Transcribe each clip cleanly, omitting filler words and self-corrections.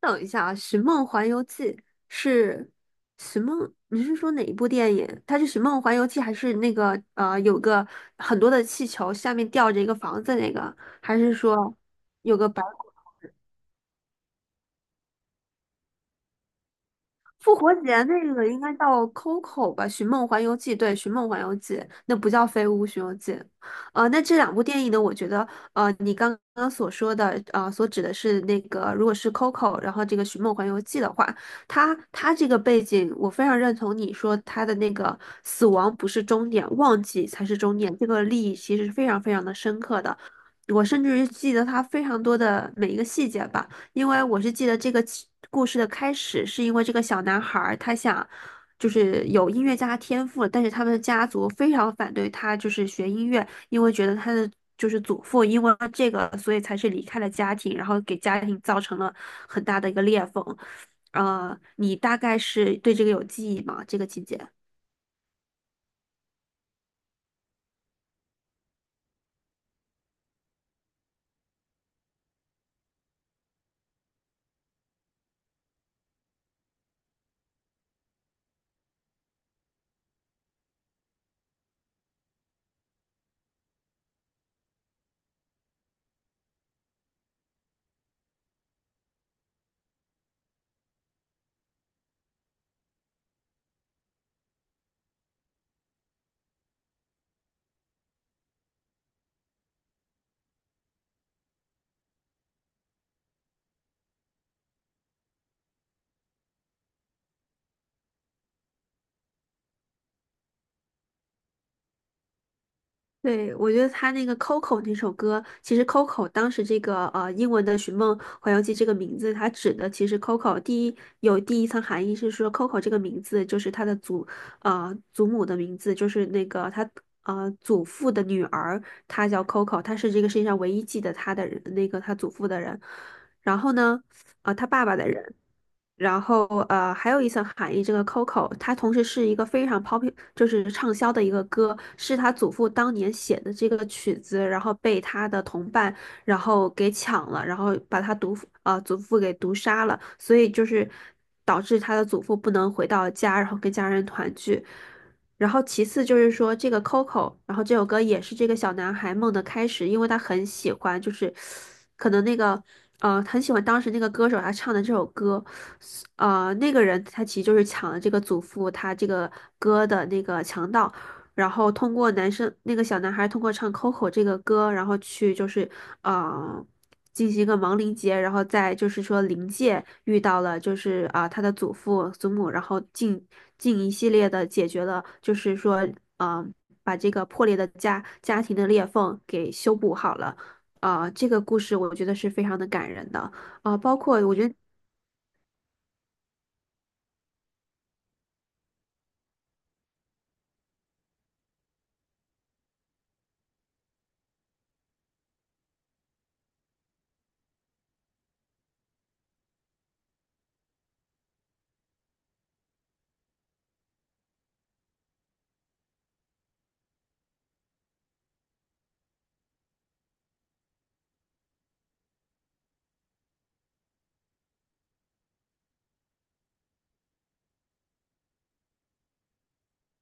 等一下啊，《寻梦环游记》是《寻梦》，你是说哪一部电影？它是《寻梦环游记》还是那个有个很多的气球，下面吊着一个房子那个？还是说有个白？复活节那个应该叫 Coco 吧，《寻梦环游记》对，《寻梦环游记》那不叫《飞屋寻游记》。那这两部电影呢，我觉得，你刚刚所说的，所指的是那个，如果是 Coco,然后这个《寻梦环游记》的话，它这个背景，我非常认同你说它的那个死亡不是终点，忘记才是终点，这个利益其实是非常非常的深刻的，我甚至于记得它非常多的每一个细节吧。因为我是记得这个起故事的开始是因为这个小男孩儿他想就是有音乐家天赋，但是他们的家族非常反对他就是学音乐，因为觉得他的就是祖父因为这个所以才是离开了家庭，然后给家庭造成了很大的一个裂缝。你大概是对这个有记忆吗？这个情节？对，我觉得他那个 Coco 那首歌，其实 Coco 当时这个英文的《寻梦环游记》这个名字，它指的其实 Coco 第一层含义是说 Coco 这个名字就是他的祖母的名字，就是那个他祖父的女儿，她叫 Coco,她是这个世界上唯一记得她的人，那个她祖父的人。然后呢，他爸爸的人。然后还有一层含义，这个 Coco 它同时是一个非常 p o p 就是畅销的一个歌，是他祖父当年写的这个曲子，然后被他的同伴然后给抢了，然后把他祖父给毒杀了，所以就是导致他的祖父不能回到家，然后跟家人团聚。然后其次就是说这个 Coco,然后这首歌也是这个小男孩梦的开始，因为他很喜欢，就是可能那个很喜欢当时那个歌手他唱的这首歌。那个人他其实就是抢了这个祖父他这个歌的那个强盗，然后通过男生那个小男孩通过唱《Coco》这个歌，然后去就是啊进行一个亡灵节，然后再就是说灵界遇到了就是他的祖父祖母，然后进一系列的解决了，就是说啊、呃把这个破裂的家庭的裂缝给修补好了。这个故事我觉得是非常的感人的。包括我觉得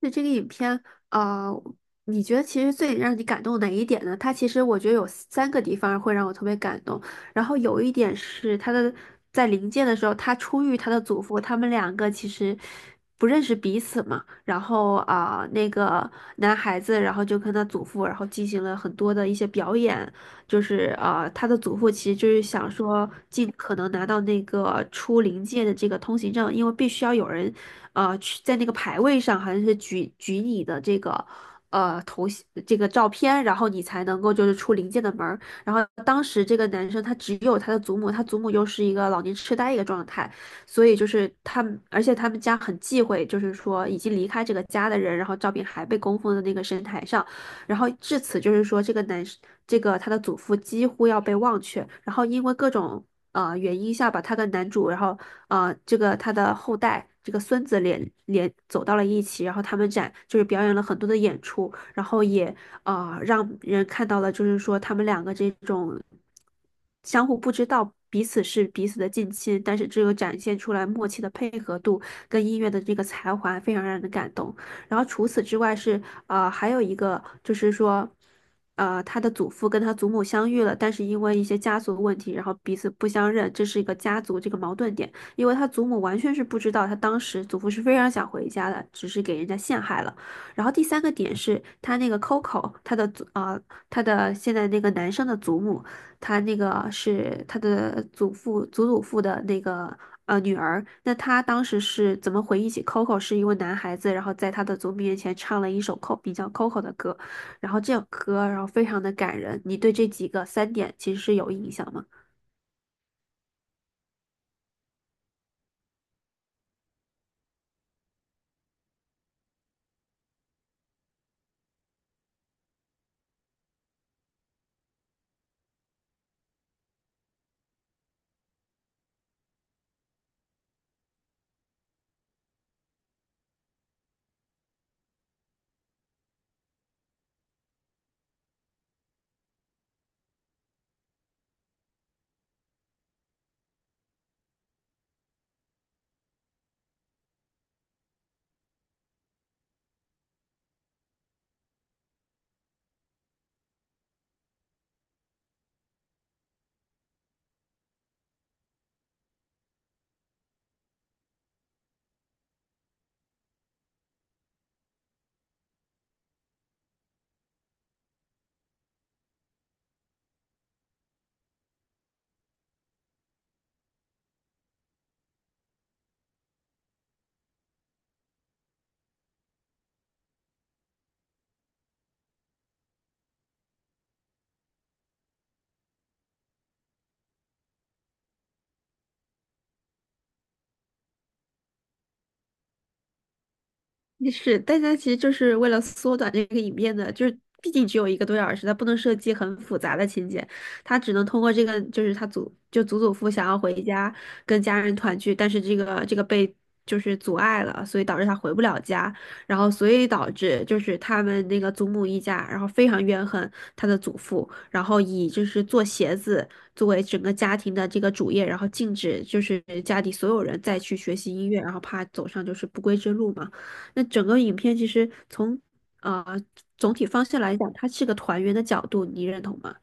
那这个影片，啊，你觉得其实最让你感动哪一点呢？它其实我觉得有三个地方会让我特别感动，然后有一点是他的在临界的时候，他初遇他的祖父，他们两个其实不认识彼此嘛，然后那个男孩子，然后就跟他祖父，然后进行了很多的一些表演，就是,他的祖父其实就是想说，尽可能拿到那个出灵界的这个通行证，因为必须要有人，去在那个牌位上好像是举你的这个。头像这个照片，然后你才能够就是出灵界的门儿。然后当时这个男生他只有他的祖母，他祖母又是一个老年痴呆一个状态，所以就是他们，而且他们家很忌讳，就是说已经离开这个家的人，然后照片还被供奉在那个神台上。然后至此就是说，这个男这个他的祖父几乎要被忘却，然后因为各种原因下吧，他跟男主，然后这个他的后代。这个孙子走到了一起，然后他们就是表演了很多的演出，然后也让人看到了，就是说他们两个这种相互不知道彼此是彼此的近亲，但是只有展现出来默契的配合度跟音乐的这个才华，非常让人感动。然后除此之外是还有一个就是说，他的祖父跟他祖母相遇了，但是因为一些家族问题，然后彼此不相认，这是一个家族这个矛盾点。因为他祖母完全是不知道，他当时祖父是非常想回家的，只是给人家陷害了。然后第三个点是他那个 Coco,他的他的现在那个男生的祖母，他那个是他的祖父的那个女儿，那她当时是怎么回忆起 Coco 是一位男孩子，然后在他的祖母面前唱了一首 Co 比较 Coco 的歌，然后这首歌然后非常的感人。你对这几个三点其实是有印象吗？也是，大家其实就是为了缩短这个影片的，就是毕竟只有一个多小时，他不能设计很复杂的情节，他只能通过这个，就是他祖就祖祖父想要回家跟家人团聚，但是这个被就是阻碍了，所以导致他回不了家，然后所以导致就是他们那个祖母一家，然后非常怨恨他的祖父，然后以就是做鞋子作为整个家庭的这个主业，然后禁止就是家里所有人再去学习音乐，然后怕走上就是不归之路嘛。那整个影片其实从呃总体方向来讲，它是个团圆的角度，你认同吗？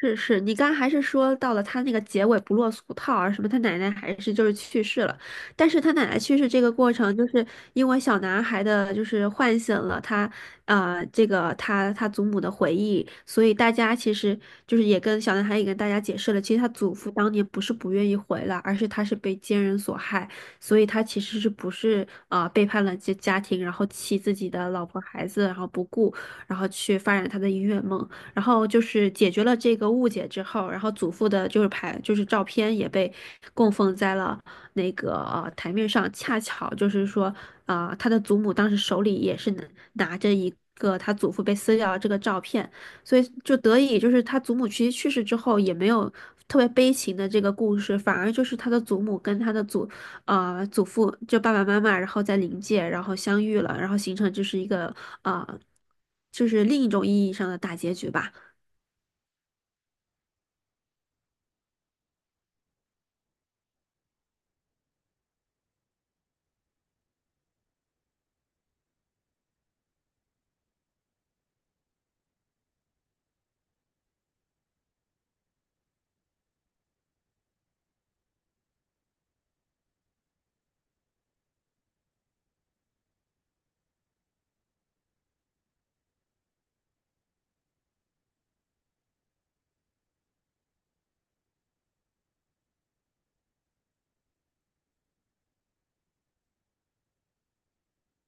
是是，你刚刚还是说到了他那个结尾不落俗套啊，什么他奶奶还是就是去世了，但是他奶奶去世这个过程，就是因为小男孩的就是唤醒了他，这个他祖母的回忆，所以大家其实就是也跟小男孩也跟大家解释了，其实他祖父当年不是不愿意回来，而是他是被奸人所害，所以他其实是不是啊背叛了家庭，然后弃自己的老婆孩子，然后不顾，然后去发展他的音乐梦。然后就是解决了这个误解之后，然后祖父的就是牌就是照片也被供奉在了那个台面上，恰巧就是说他的祖母当时手里也是拿着一个他祖父被撕掉的这个照片，所以就得以就是他祖母其实去世之后也没有。特别悲情的这个故事，反而就是他的祖母跟他的祖父，就爸爸妈妈，然后在灵界，然后相遇了，然后形成就是一个啊就是另一种意义上的大结局吧。